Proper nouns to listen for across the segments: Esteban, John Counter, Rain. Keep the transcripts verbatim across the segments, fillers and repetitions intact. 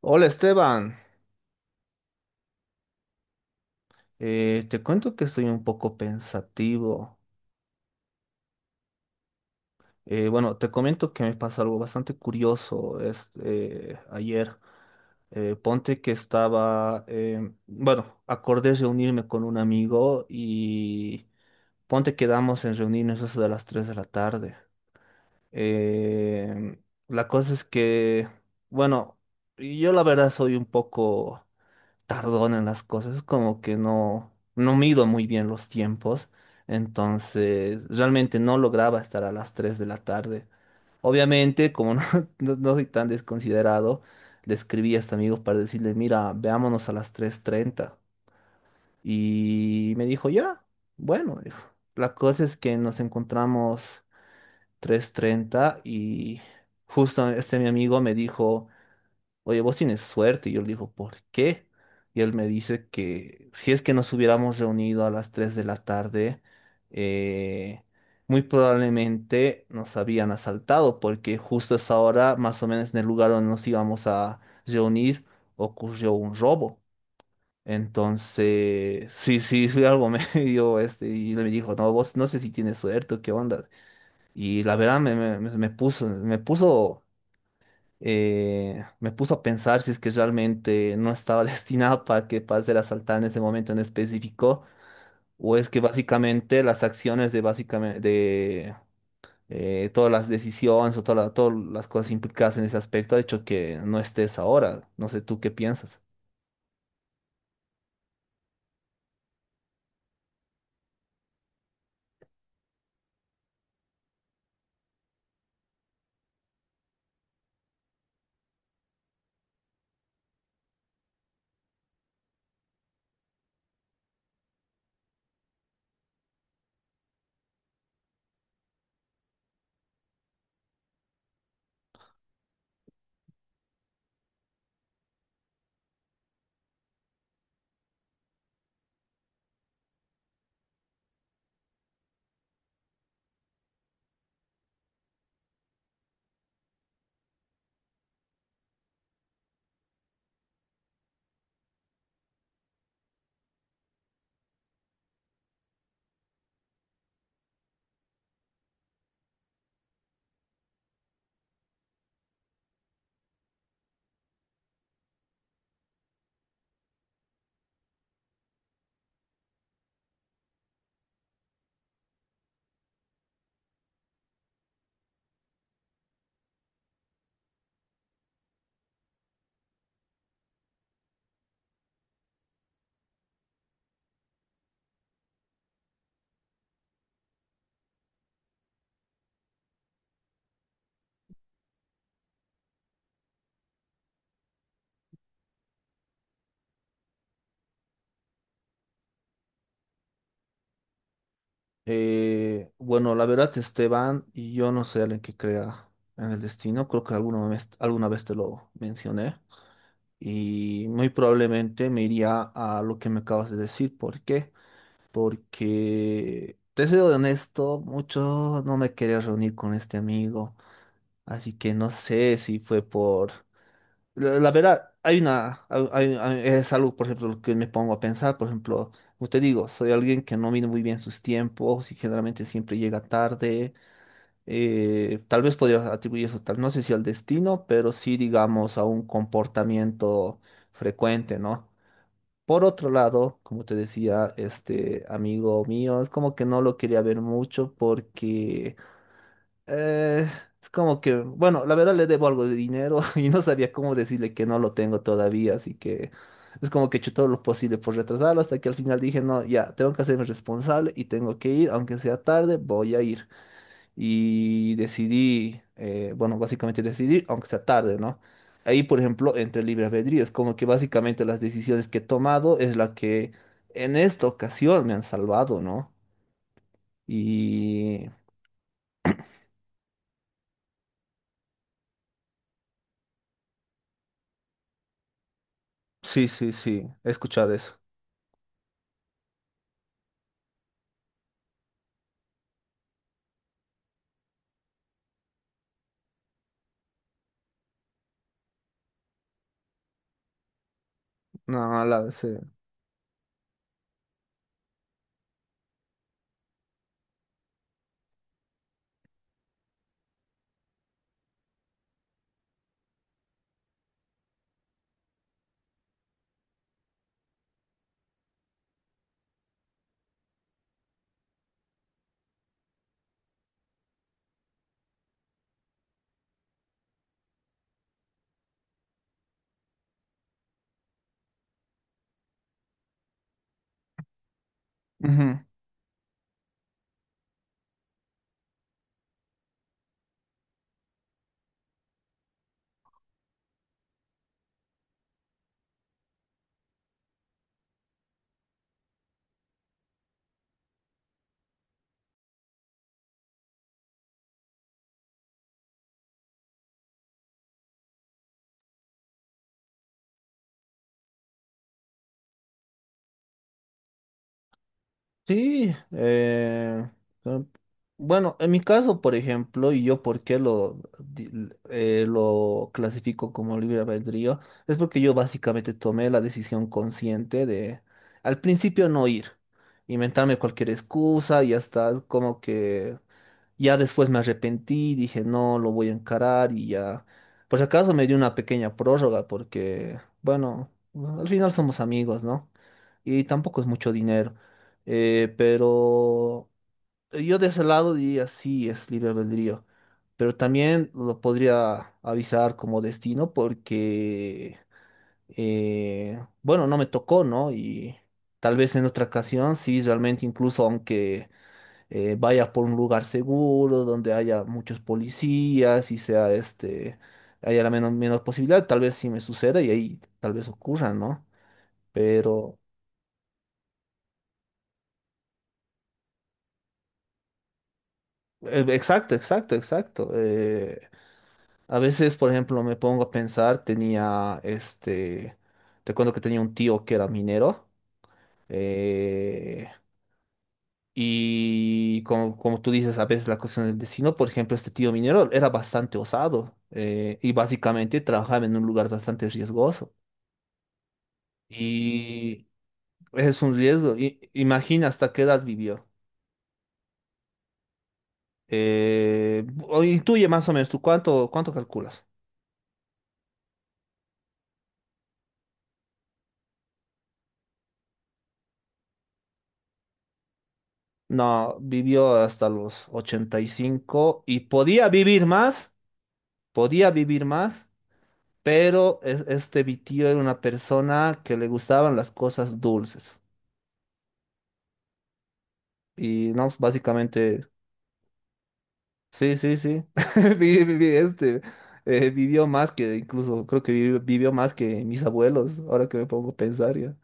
Hola, Esteban. Eh, te cuento que estoy un poco pensativo. Eh, bueno, te comento que me pasó algo bastante curioso es- eh, ayer. Eh, ponte que estaba, em, bueno, acordé reunirme con un amigo y ponte quedamos en reunirnos eso de las tres de la tarde. Em, la cosa es que, bueno, yo la verdad soy un poco tardón en las cosas, como que no, no mido muy bien los tiempos, entonces realmente no lograba estar a las tres de la tarde. Obviamente, como no, no- no soy tan desconsiderado, le escribí a este amigo para decirle, mira, veámonos a las tres treinta. Y me dijo, ya, bueno, dijo. La cosa es que nos encontramos tres treinta y justo este mi amigo me dijo, oye, vos tienes suerte. Y yo le digo, ¿por qué? Y él me dice que si es que nos hubiéramos reunido a las tres de la tarde, eh, muy probablemente nos habían asaltado, porque justo a esa hora, más o menos en el lugar donde nos íbamos a reunir, ocurrió un robo. Entonces, sí, sí, soy algo medio, este, y él me dijo, no, vos no sé si tienes suerte o qué onda. Y la verdad me, me, me puso, me puso eh, me puso a pensar si es que realmente no estaba destinado para que pase ser asaltada en ese momento en específico, o es que básicamente las acciones de básicamente de eh, todas las decisiones o toda la- todas las cosas implicadas en ese aspecto ha hecho que no estés ahora. No sé tú qué piensas. Eh, bueno, la verdad, Esteban, y yo no soy alguien que crea en el destino, creo que alguna vez, alguna vez te lo mencioné, y muy probablemente me iría a lo que me acabas de decir. ¿Por qué? Porque te soy honesto, mucho no me quería reunir con este amigo, así que no sé si fue por... La, la verdad, hay una... hay- hay- hay- es algo, por ejemplo, lo que me pongo a pensar, por ejemplo, como te digo, soy alguien que no mide muy bien sus tiempos y generalmente siempre llega tarde. Eh, tal vez podría atribuir eso, tal, no sé si al destino, pero sí, digamos, a un comportamiento frecuente, ¿no? Por otro lado, como te decía, este amigo mío, es como que no lo quería ver mucho porque eh, es como que, bueno, la verdad le debo algo de dinero y no sabía cómo decirle que no lo tengo todavía, así que es como que he hecho todo lo posible por retrasarlo hasta que al final dije, no, ya, tengo que hacerme responsable y tengo que ir, aunque sea tarde, voy a ir y decidí, eh, bueno, básicamente decidir, aunque sea tarde, ¿no? Ahí, por ejemplo, entre libre albedrío, es como que básicamente las decisiones que he tomado es la que en esta ocasión me han salvado, ¿no? Y sí, sí, sí, he escuchado eso. No, la sí. Ujú. Sí, eh, eh, bueno, en mi caso, por ejemplo, y yo por qué lo, di- eh, lo clasifico como libre albedrío, es porque yo básicamente tomé la decisión consciente de al principio no ir, inventarme cualquier excusa y hasta como que ya después me arrepentí, dije, no, lo voy a encarar y ya. Por si acaso me dio una pequeña prórroga porque, bueno, al final somos amigos, ¿no? Y tampoco es mucho dinero. Eh, pero yo de ese lado diría, sí, es libre albedrío. Pero también lo podría avisar como destino porque, eh, bueno, no me tocó, ¿no? Y tal vez en otra ocasión, sí, realmente incluso aunque eh, vayas por un lugar seguro, donde haya muchos policías y sea este, haya la menos, menos posibilidad, tal vez sí me suceda y ahí tal vez ocurra, ¿no? Pero, eh, exacto, exacto, exacto. Eh, a veces, por ejemplo, me pongo a pensar, tenía este, recuerdo que tenía un tío que era minero. eh, Y como, como tú dices, a veces la cuestión del destino, por ejemplo, este tío minero era bastante osado eh, y básicamente trabajaba en un lugar bastante riesgoso. Y es un riesgo. I- imagina hasta qué edad vivió. Eh, o intuye más o menos, ¿tú cuánto, cuánto calculas? No, vivió hasta los ochenta y cinco y podía vivir más, podía vivir más, pero es- este mi tío era una persona que le gustaban las cosas dulces. Y no, pues, básicamente, sí, sí, sí. Vi- vi- vi- Este, eh, vivió más que, incluso creo que vivió, vivió más que mis abuelos, ahora que me pongo a pensar ya.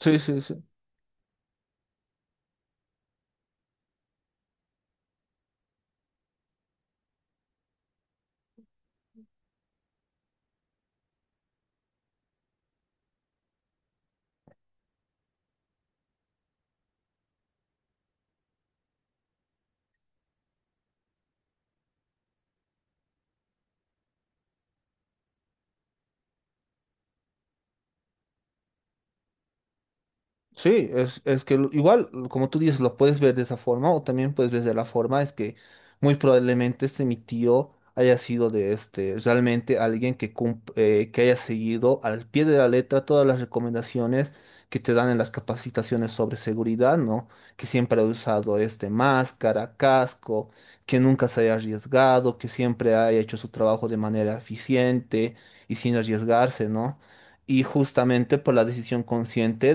Sí, sí, sí. Sí, es, es que lo- igual, como tú dices, lo puedes ver de esa forma o también puedes ver de la forma, es que muy probablemente este mi tío haya sido de este, realmente alguien que, cum- eh, que haya seguido al pie de la letra todas las recomendaciones que te dan en las capacitaciones sobre seguridad, ¿no? Que siempre ha usado este máscara, casco, que nunca se haya arriesgado, que siempre haya hecho su trabajo de manera eficiente y sin arriesgarse, ¿no? Y justamente por la decisión consciente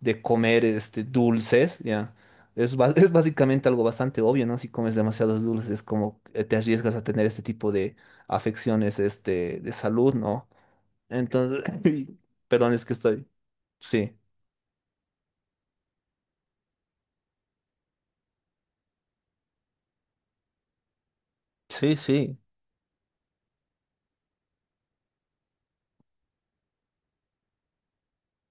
de comer este, dulces, ¿ya? Es, ba- es básicamente algo bastante obvio, ¿no? Si comes demasiados dulces, es como eh, te arriesgas a tener este tipo de afecciones este, de salud, ¿no? Entonces, perdón, es que estoy. Sí. Sí, sí.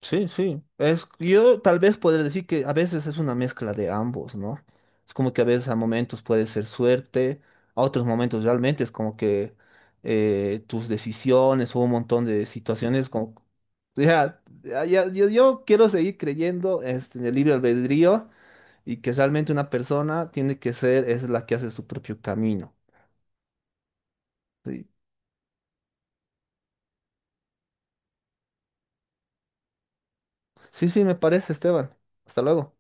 Sí, sí. Es, yo tal vez podría decir que a veces es una mezcla de ambos, ¿no? Es como que a veces a momentos puede ser suerte, a otros momentos realmente es como que eh, tus decisiones o un montón de situaciones como... Ya, ya, ya- yo, yo quiero seguir creyendo este, en el libre albedrío y que realmente una persona tiene que ser, es la que hace su propio camino. Sí, sí, sí, me parece, Esteban. Hasta luego.